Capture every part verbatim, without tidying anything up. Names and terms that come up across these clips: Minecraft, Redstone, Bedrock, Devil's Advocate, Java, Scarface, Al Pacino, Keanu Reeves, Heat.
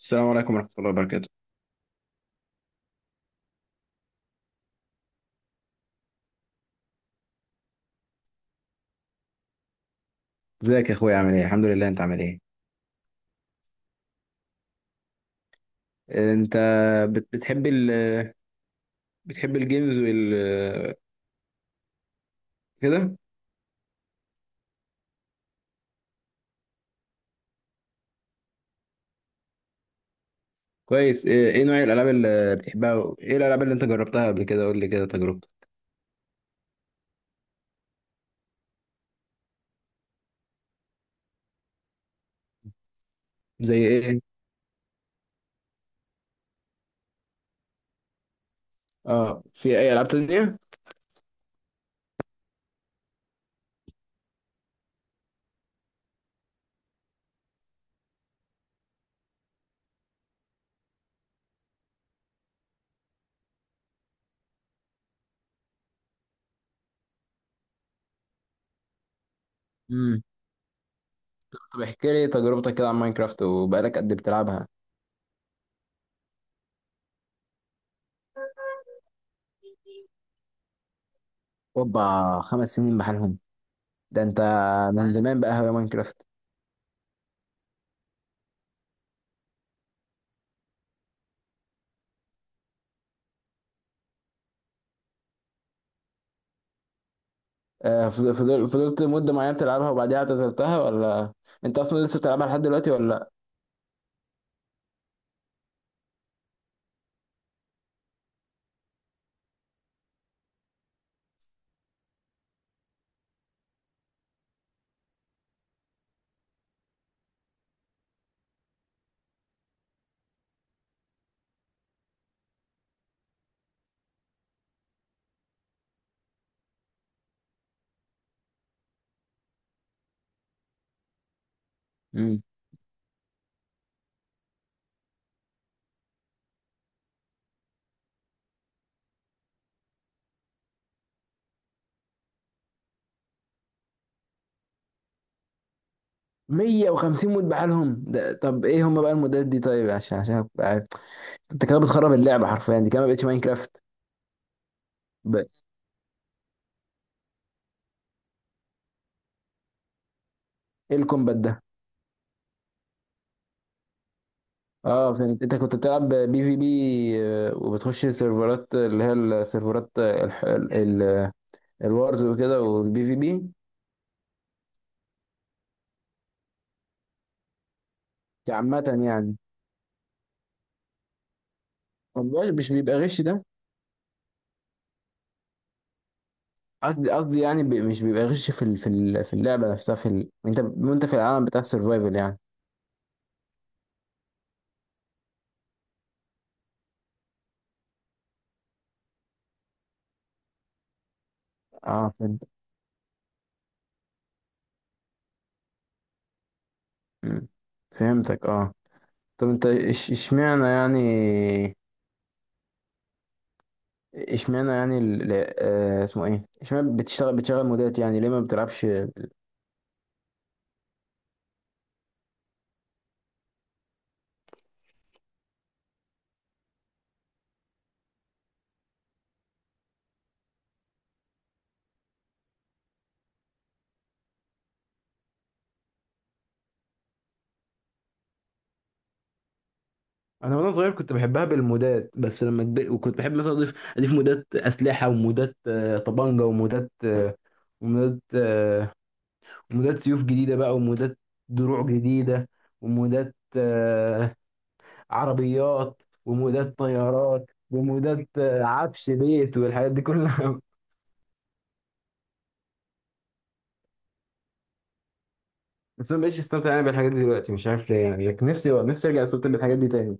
السلام عليكم ورحمة الله وبركاته. ازيك يا اخويا، عامل ايه؟ الحمد لله. انت عامل ايه؟ انت بت- بتحب ال بتحب الجيمز وال كده؟ كويس. ايه إيه نوع الالعاب اللي بتحبها؟ ايه الالعاب اللي انت جربتها قبل كده؟ قول لي كده تجربتك. زي ايه؟ اه، في اي العاب تانية؟ امم طب احكي لي تجربتك كده عن ماينكرافت، وبقالك قد إيه بتلعبها؟ اوبا، خمس سنين بحالهم؟ ده انت من زمان بقى هواية ماينكرافت. آه، فض- فضل- فضلت مدة معينة بتلعبها وبعديها اعتزلتها، ولا انت اصلا لسه بتلعبها لحد دلوقتي ولا؟ لا، مية وخمسين مود بحالهم؟ ده طب ايه هم بقى المودات دي؟ طيب، عشان عشان أبقى عارف. انت كده بتخرب اللعبه حرفيا، دي كده ما بقتش ماينكرافت. ب... ايه الكومبات ده؟ اه فهمت، انت كنت بتلعب بي في بي، آه، وبتخش سيرفرات، اللي هي السيرفرات، آه، الح... ال... ال... الوارز وكده والبي في بي، عامه يعني. طب مش مش بيبقى غش ده؟ قصدي قصدي يعني بي... مش بيبقى غش في ال... في ال... في اللعبه نفسها، في ال... انت وانت في العالم بتاع السرفايفل يعني. اه فهمت. مم. فهمتك اه. طب انت إش- اشمعنى يعني؟ اشمعنى يعني ال... ال- آه اسمه ايه، اشمعنى بتشتغل بتشغل مودات يعني، ليه ما بتلعبش بال- انا وانا صغير كنت بحبها بالمودات، بس لما كبرت وكنت بحب مثلا اضيف اضيف مودات اسلحه، ومودات آه، طبانجه، ومودات آه، ومودات آه، ومودات سيوف جديده بقى، ومودات دروع جديده، ومودات آه، عربيات، ومودات طيارات، ومودات آه، عفش بيت، والحاجات دي كلها. بس انا مبقتش استمتع يعني بالحاجات دي دلوقتي، مش عارف ليه يعني. لكن نفسي، نفسي ارجع استمتع بالحاجات دي تاني.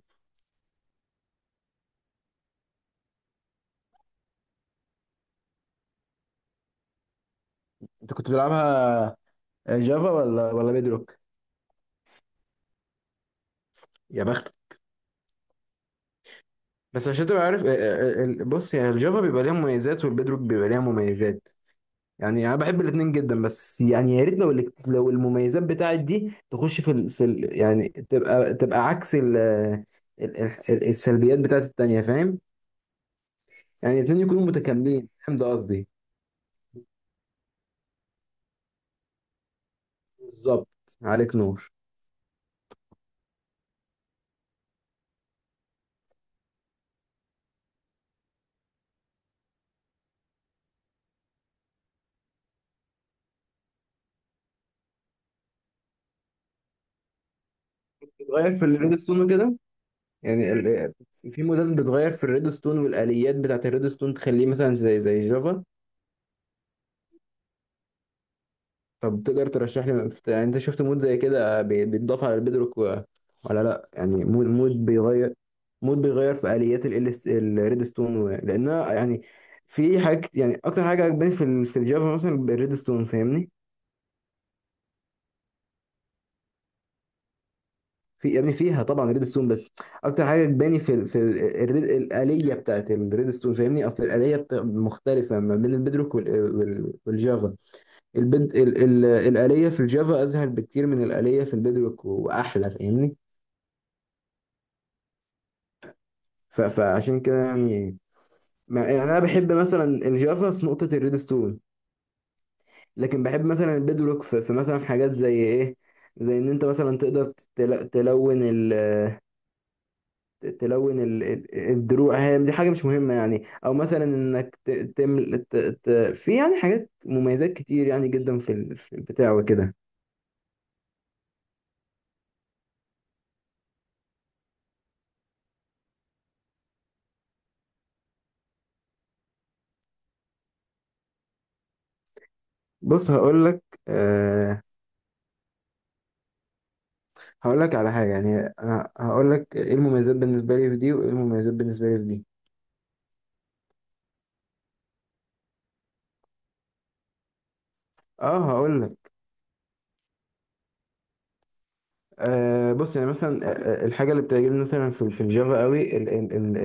انت كنت بتلعبها جافا ولا ولا بيدروك؟ يا بختك. بس عشان تبقى عارف، آه، آه، آه، بص يعني، الجافا بيبقى ليها مميزات، والبيدروك بيبقى ليها مميزات. يعني انا بحب الاثنين جدا، بس يعني يا ريت لو ال- لو المميزات بتاعت دي تخش في ال... في ال... يعني تبقى، تبقى عكس ال... ال... ال... ال- السلبيات بتاعت التانية، فاهم؟ يعني الاثنين يكونوا متكاملين، فاهم ده قصدي؟ بالظبط، عليك نور. تغير في الريد ستون كده، يعني ال- في موديل بتغير في الريد ستون والآليات بتاعت الريد ستون، تخليه مثلا زي زي جافا. طب تقدر ترشح لي يعني، انت شفت مود زي كده بي- بيتضاف على البيدروك و- ولا لا، يعني مود مود بيغير، مود بيغير في آليات ال الريد ستون و- لانها يعني في حاجات يعني، اكتر حاجه عجباني في ال في الجافا مثلا الريد ستون فاهمني. في يا ابني، فيها طبعا ريد ستون، بس اكتر حاجه عجباني في ال في ال الريد، الآلية بتاعت الريد ستون فاهمني. اصل الآلية بت- مختلفه ما بين البيدروك وال- وال- والجافا. البد... ال... ال... الآلية في الجافا أسهل بكتير من الآلية في البيدروك، وأحلى فاهمني. ف... فعشان كده يعني، ما... يعني أنا بحب مثلا الجافا في نقطة الريدستون، لكن بحب مثلا البيدروك في، في مثلا حاجات زي إيه، زي إن أنت مثلا تقدر تل... تلون ال... تلون ال... ال- الدروع. هي دي حاجة مش مهمة يعني، أو مثلا إنك ت... تمل... ت... ت... في يعني حاجات مميزات كتير يعني جدا، في ال... في البتاع وكده. بص هقول لك، آه، هقول لك على حاجة يعني، هقول لك ايه المميزات بالنسبة لي في دي، وايه المميزات بالنسبة لي في دي. اه هقول لك. آه بص يعني مثلا، آه، آه، الحاجة اللي بتعجبني مثلا في في الجافا قوي، ال ال ال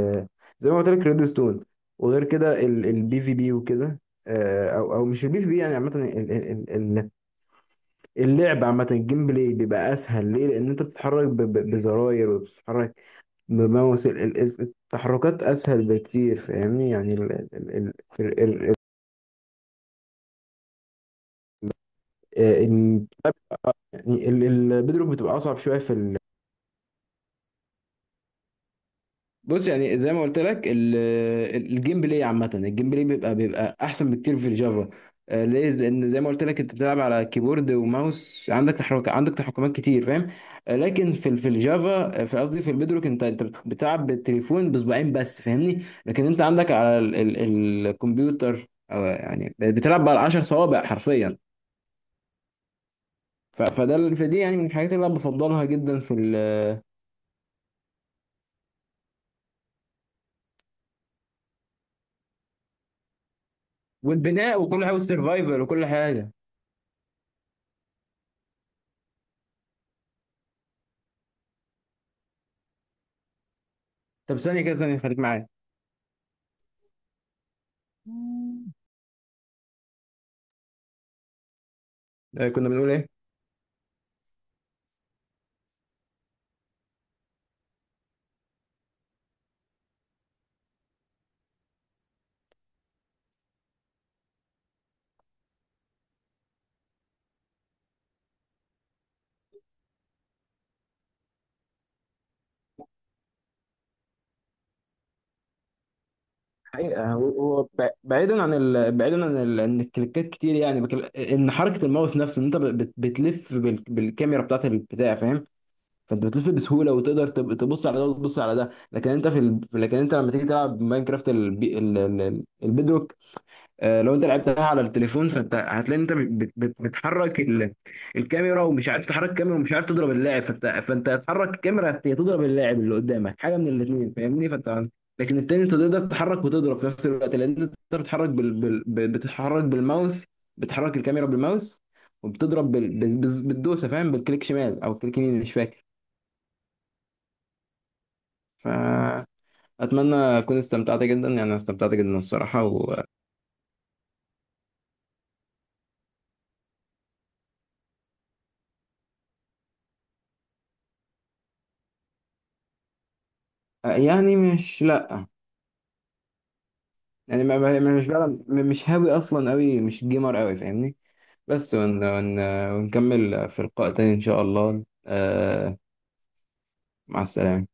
ال زي ما قلت لك ريد ستون. وغير كده البي في بي وكده، آه، او او مش البي في بي يعني عامة، ال- ال- ال- ال- اللعب عامة، الجيم بلاي بيبقى اسهل. ليه؟ لان انت بتتحرك ب- ب- بزراير، وبتتحرك بماوس. ال- ال- ال- التحركات اسهل بكتير فاهمني. يعني ال ال ال ال- ال- يعني ال- البيدروك بتبقى اصعب شويه في ال... بص يعني زي ما قلت لك، ال- ال- الجيم بلاي عامة، الجيم بلاي بيبقى بيبقى أحسن بكتير في الجافا. آه، ليه؟ لأن زي ما قلت لك، أنت بتلعب على كيبورد وماوس، عندك تحرك، عندك تحكمات كتير، فاهم؟ آه، لكن في ال- في الجافا، آه، في قصدي في البيدروك، أنت أنت بتلعب بالتليفون بصباعين بس، فاهمني؟ لكن أنت عندك على ال ال الكمبيوتر، أو يعني بتلعب على 10 صوابع حرفيا. ف- فده فدي يعني من الحاجات اللي أنا بفضلها جدا في ال والبناء وكل حاجة، والسرفايفل وكل حاجة. طب ثانية كده، ثانية خليك معايا. آه، كنا بنقول ايه؟ حقيقة، هو هو ب- بعيدا عن ال... بعيدا عن ال... ان الكليكات كتير يعني، بكل... ان حركة الماوس نفسه، ان انت بت... بتلف بال... بالكاميرا بتاعت البتاع فاهم. فانت بتلف بسهولة وتقدر تب... تبص على ده وتبص على ده، لكن انت في ال... لكن انت لما تيجي تلعب ماينكرافت الب... ال... ال... ال... البيدروك، آه، لو انت لعبتها على التليفون، فانت هتلاقي انت بت- بت- بتحرك ال- الكاميرا، ومش عارف تحرك الكاميرا ومش عارف تضرب اللاعب، فانت فانت هتحرك الكاميرا يا تضرب اللاعب اللي قدامك، حاجه من الاثنين فاهمني. فانت لكن التاني انت تقدر تتحرك وتضرب في نفس الوقت، لان انت بتتحرك بال... بال... ب- بتتحرك بالماوس، بتحرك الكاميرا بالماوس، وبتضرب بال... بال... بال- بالدوسه فاهم، بالكليك شمال او كليك يمين مش فاكر. فاتمنى اكون استمتعت جدا يعني، أنا استمتعت جدا الصراحه و... آه، يعني مش لا يعني، ما ما- ما- مش بلعب م- مش هاوي اصلا قوي، مش جيمر قوي فاهمني. بس ون ون ونكمل في لقاء تاني ان شاء الله. آه، مع السلامة.